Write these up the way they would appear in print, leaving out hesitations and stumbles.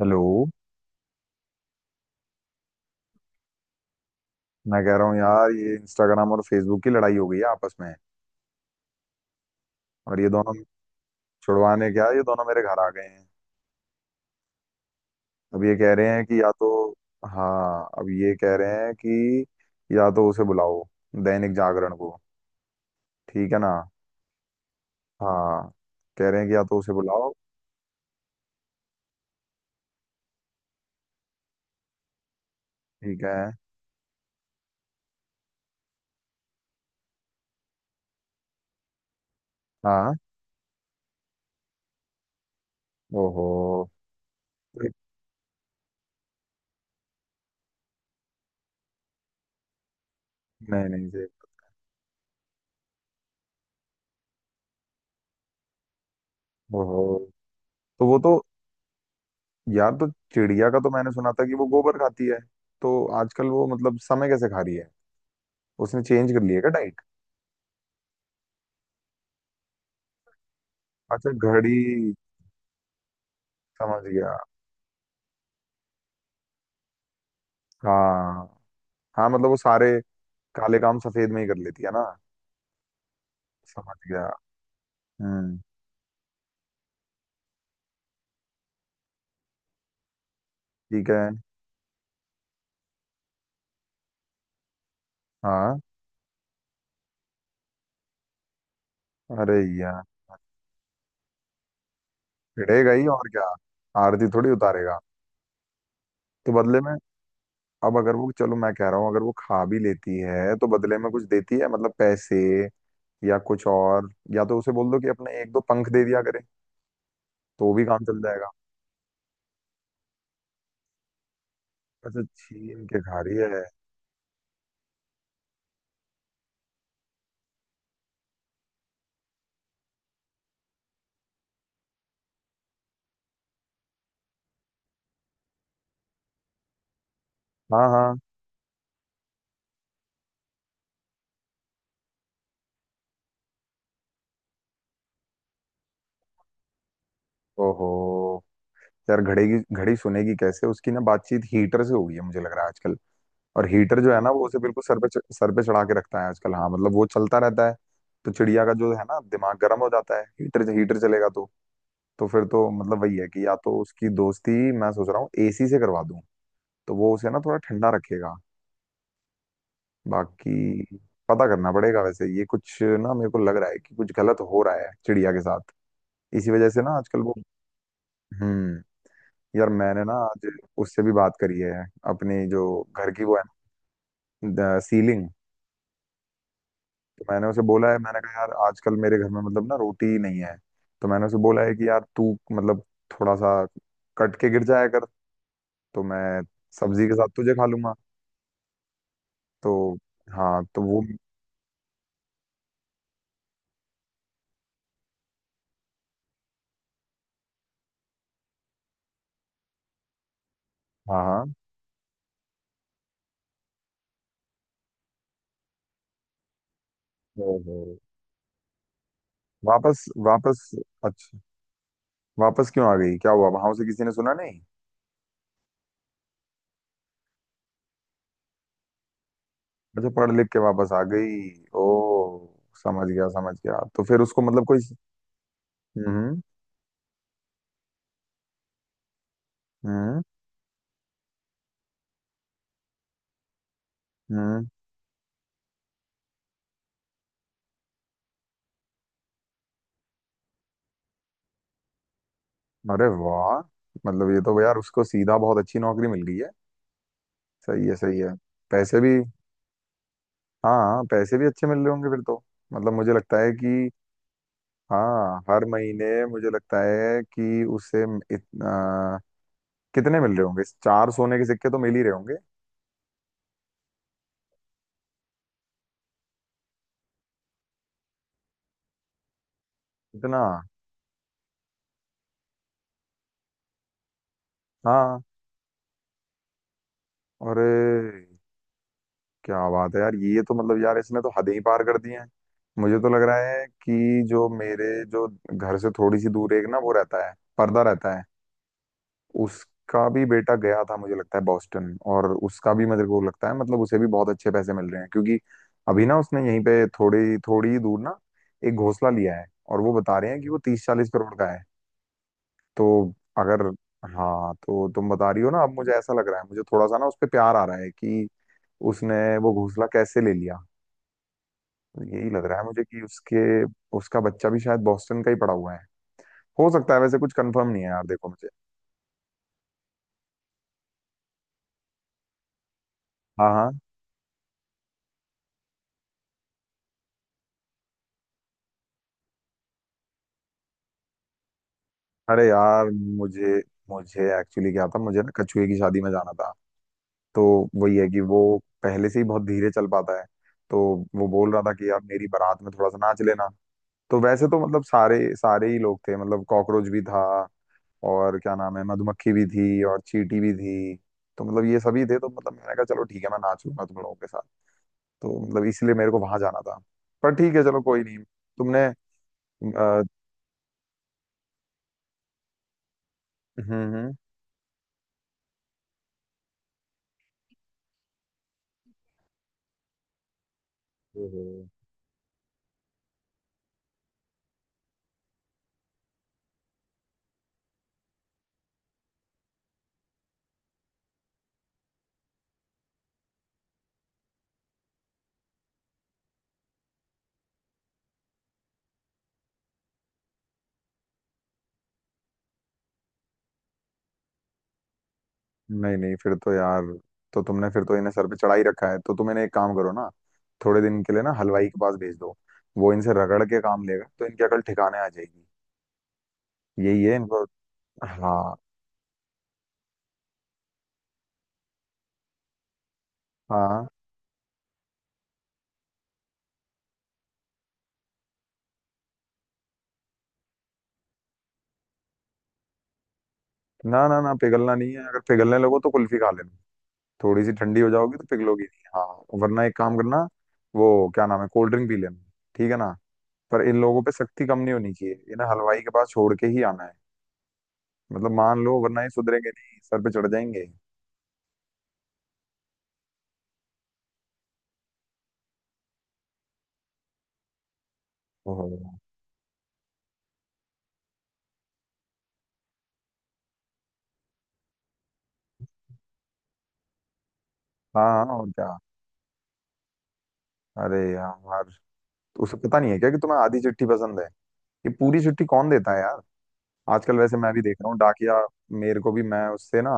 Hello. मैं कह रहा हूँ यार ये इंस्टाग्राम और फेसबुक की लड़ाई हो गई है आपस में। और ये दोनों छुड़वाने क्या ये दोनों मेरे घर आ गए हैं। अब ये कह रहे हैं कि या तो हाँ, अब ये कह रहे हैं कि या तो उसे बुलाओ दैनिक जागरण को। ठीक है ना। हाँ, कह रहे हैं कि या तो उसे बुलाओ। ठीक है। हाँ। ओहो। नहीं नहीं जी। ओहो। तो वो तो यार तो चिड़िया का तो मैंने सुना था कि वो गोबर खाती है। तो आजकल वो मतलब समय कैसे खा रही है? उसने चेंज कर लिया क्या? अच्छा, घड़ी। समझ गया। हाँ, हाँ, मतलब वो सारे काले काम सफेद में ही कर लेती है ना। समझ गया। हम्म। ठीक है। हाँ। अरे यार, चिढ़ेगा ही और क्या। आरती थोड़ी उतारेगा। तो बदले में अब अगर वो चलो, मैं कह रहा हूँ अगर वो खा भी लेती है तो बदले में कुछ देती है मतलब पैसे या कुछ और। या तो उसे बोल दो कि अपने एक दो पंख दे दिया करे। तो वो भी काम चल जाएगा। अच्छा, छीन के खा रही है। हाँ हाँ। ओहो। यार, घड़ी सुनेगी कैसे? उसकी ना बातचीत हीटर से हो गई है मुझे लग रहा है आजकल। और हीटर जो है ना वो उसे बिल्कुल सर पे चढ़ा के रखता है आजकल। हाँ मतलब वो चलता रहता है। तो चिड़िया का जो है ना दिमाग गर्म हो जाता है, हीटर हीटर चलेगा तो। तो फिर तो मतलब वही है कि या तो उसकी दोस्ती मैं सोच रहा हूँ एसी से करवा दूं। तो वो उसे ना थोड़ा ठंडा रखेगा। बाकी पता करना पड़ेगा, वैसे ये कुछ ना मेरे को लग रहा है कि कुछ गलत हो रहा है चिड़िया के साथ। इसी वजह से ना आजकल वो। हम्म। यार, मैंने ना आज उससे भी बात करी है। अपनी जो घर की वो है, सीलिंग। तो मैंने उसे बोला है, मैंने कहा यार आजकल मेरे घर में मतलब ना रोटी नहीं है। तो मैंने उसे बोला है कि यार तू मतलब थोड़ा सा कट के गिर जाया कर। तो मैं सब्जी के साथ तुझे खा लूंगा। तो, हाँ तो वो। हाँ हाँ। ओहो। वापस, वापस। अच्छा, वापस क्यों आ गई? क्या हुआ वहां से, किसी ने सुना नहीं? अच्छा, पढ़ लिख के वापस आ गई। ओ, समझ गया, समझ गया। तो फिर उसको मतलब कोई। हम्म। हम्म। हम्म। अरे वाह। मतलब ये तो यार उसको सीधा बहुत अच्छी नौकरी मिल गई है। सही है, सही है। पैसे भी। हाँ हाँ, पैसे भी अच्छे मिल रहे होंगे फिर तो। मतलब मुझे लगता है कि। हाँ, हर महीने मुझे लगता है कि उसे इतना कितने मिल रहे होंगे? चार सोने के सिक्के तो मिल ही रहे होंगे। इतना। हाँ। अरे, क्या बात है यार, ये तो मतलब यार इसने तो हदें ही पार कर दी हैं। मुझे तो लग रहा है कि जो घर से थोड़ी सी दूर एक ना वो रहता है, पर्दा रहता है। उसका भी बेटा गया था मुझे लगता है बॉस्टन, और उसका भी मेरे को लगता है मतलब उसे भी बहुत अच्छे पैसे मिल रहे हैं क्योंकि अभी ना उसने यहीं पे थोड़ी थोड़ी ही दूर ना एक घोंसला लिया है। और वो बता रहे हैं कि वो 30-40 करोड़ का है। तो अगर हाँ तो तुम बता रही हो ना, अब मुझे ऐसा लग रहा है, मुझे थोड़ा सा ना उस पे प्यार आ रहा है कि उसने वो घोंसला कैसे ले लिया। यही लग रहा है मुझे कि उसके उसका बच्चा भी शायद बॉस्टन का ही पड़ा हुआ है। हो सकता है, वैसे कुछ कंफर्म नहीं है यार, देखो मुझे। हाँ हाँ। अरे यार, मुझे मुझे एक्चुअली क्या था, मुझे ना कछुए की शादी में जाना था। तो वही है कि वो पहले से ही बहुत धीरे चल पाता है। तो वो बोल रहा था कि यार, मेरी बारात में थोड़ा सा नाच लेना। तो वैसे तो मतलब सारे सारे ही लोग थे, मतलब कॉकरोच भी था। और क्या नाम है, मधुमक्खी भी थी और चींटी भी थी। तो मतलब ये सभी थे तो मतलब मैंने कहा चलो ठीक है, मैं नाच लूंगा तुम लोगों के साथ। तो मतलब इसलिए मेरे को वहां जाना था। पर ठीक है, चलो कोई नहीं। तुमने। अ, हम्म। हम्म। नहीं नहीं, फिर तो यार, तो तुमने फिर तो इन्हें सर पे चढ़ा ही रखा है, तो तुम इन्हें एक काम करो ना। थोड़े दिन के लिए ना हलवाई के पास भेज दो। वो इनसे रगड़ के काम लेगा तो इनकी अकल ठिकाने आ जाएगी। यही है इनको। हाँ। हाँ ना, ना, ना, पिघलना नहीं है। अगर पिघलने लगो तो कुल्फी खा लेना। थोड़ी सी ठंडी हो जाओगी तो पिघलोगी नहीं। हाँ। वरना एक काम करना, वो क्या नाम है, कोल्ड ड्रिंक पी लेना। ठीक है ना। पर इन लोगों पे सख्ती कम नहीं होनी चाहिए, इन्हें हलवाई के पास छोड़ के ही आना है। मतलब मान लो, वरना ये सुधरेंगे नहीं, सर पे चढ़ जाएंगे। ओहो। हाँ हाँ, और क्या। अरे यार, उसे पता नहीं है क्या कि तुम्हें आधी चिट्ठी पसंद है? ये पूरी चिट्ठी कौन देता है यार? आजकल वैसे मैं भी देख रहा हूँ डाकिया। मेरे को भी, मैं उससे ना।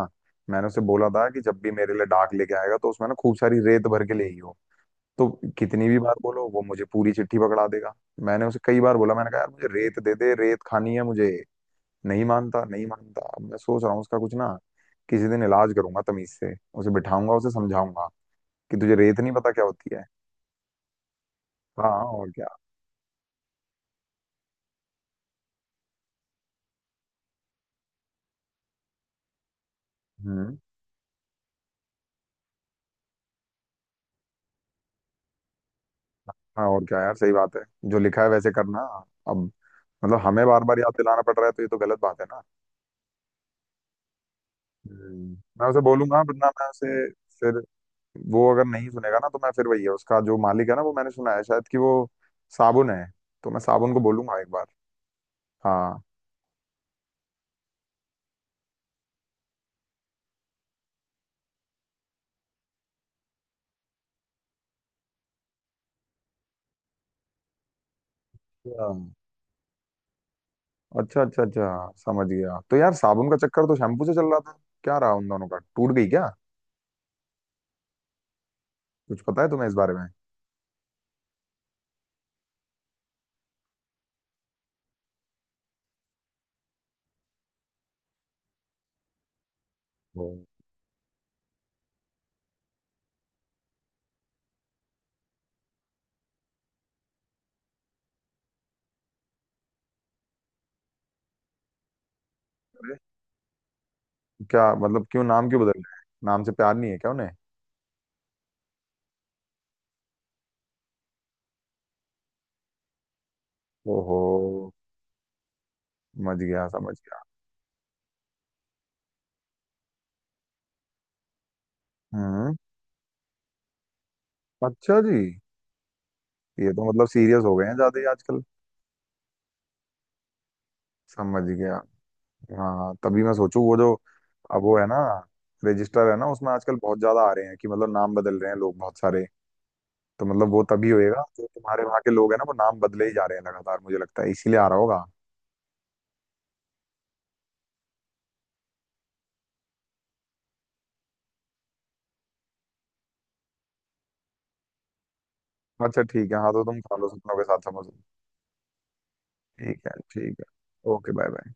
मैंने उसे बोला था कि जब भी मेरे लिए डाक लेके आएगा तो उसमें ना खूब सारी रेत भर के ले आई हो। तो कितनी भी बार बोलो वो मुझे पूरी चिट्ठी पकड़ा देगा। मैंने उसे कई बार बोला, मैंने कहा यार मुझे रेत दे दे, रेत खानी है मुझे। नहीं मानता, नहीं मानता। अब मैं सोच रहा हूँ उसका कुछ ना, किसी दिन इलाज करूंगा तमीज से। उसे बिठाऊंगा, उसे समझाऊंगा कि तुझे रेत नहीं पता क्या होती है। हाँ, और क्या। हम्म। हाँ, और क्या यार, सही बात है। जो लिखा है वैसे करना। अब मतलब हमें बार बार याद दिलाना पड़ रहा है, तो ये तो गलत बात है ना। हम्म। मैं उसे बोलूंगा, वरना मैं उसे फिर। वो अगर नहीं सुनेगा ना तो मैं फिर वही है, उसका जो मालिक है ना, वो मैंने सुना है शायद कि वो साबुन है। तो मैं साबुन को बोलूंगा एक बार। हाँ हाँ। अच्छा, अच्छा, अच्छा, समझ गया। तो यार साबुन का चक्कर तो शैम्पू से चल रहा था। क्या रहा उन दोनों का? टूट गई क्या? कुछ पता है तुम्हें इस बारे में? हाँ। अरे, क्या मतलब? क्यों नाम क्यों बदल रहे हैं? नाम से प्यार नहीं है क्या उन्हें? ओहो, समझ गया, समझ गया। हम्म। अच्छा जी। ये तो मतलब सीरियस हो गए हैं ज्यादा ही आजकल। समझ गया। हाँ, तभी मैं सोचूं वो जो। अब वो है ना, रजिस्टर है ना, उसमें आजकल बहुत ज्यादा आ रहे हैं कि मतलब नाम बदल रहे हैं लोग बहुत सारे। तो मतलब वो तभी होएगा, जो तुम्हारे वहाँ के लोग हैं ना वो नाम बदले ही जा रहे हैं लगातार, मुझे लगता है इसीलिए आ रहा होगा। अच्छा ठीक है। हाँ, तो तुम खा लो सपनों के साथ, समझ लो। ठीक है, ठीक है। Okay, bye bye.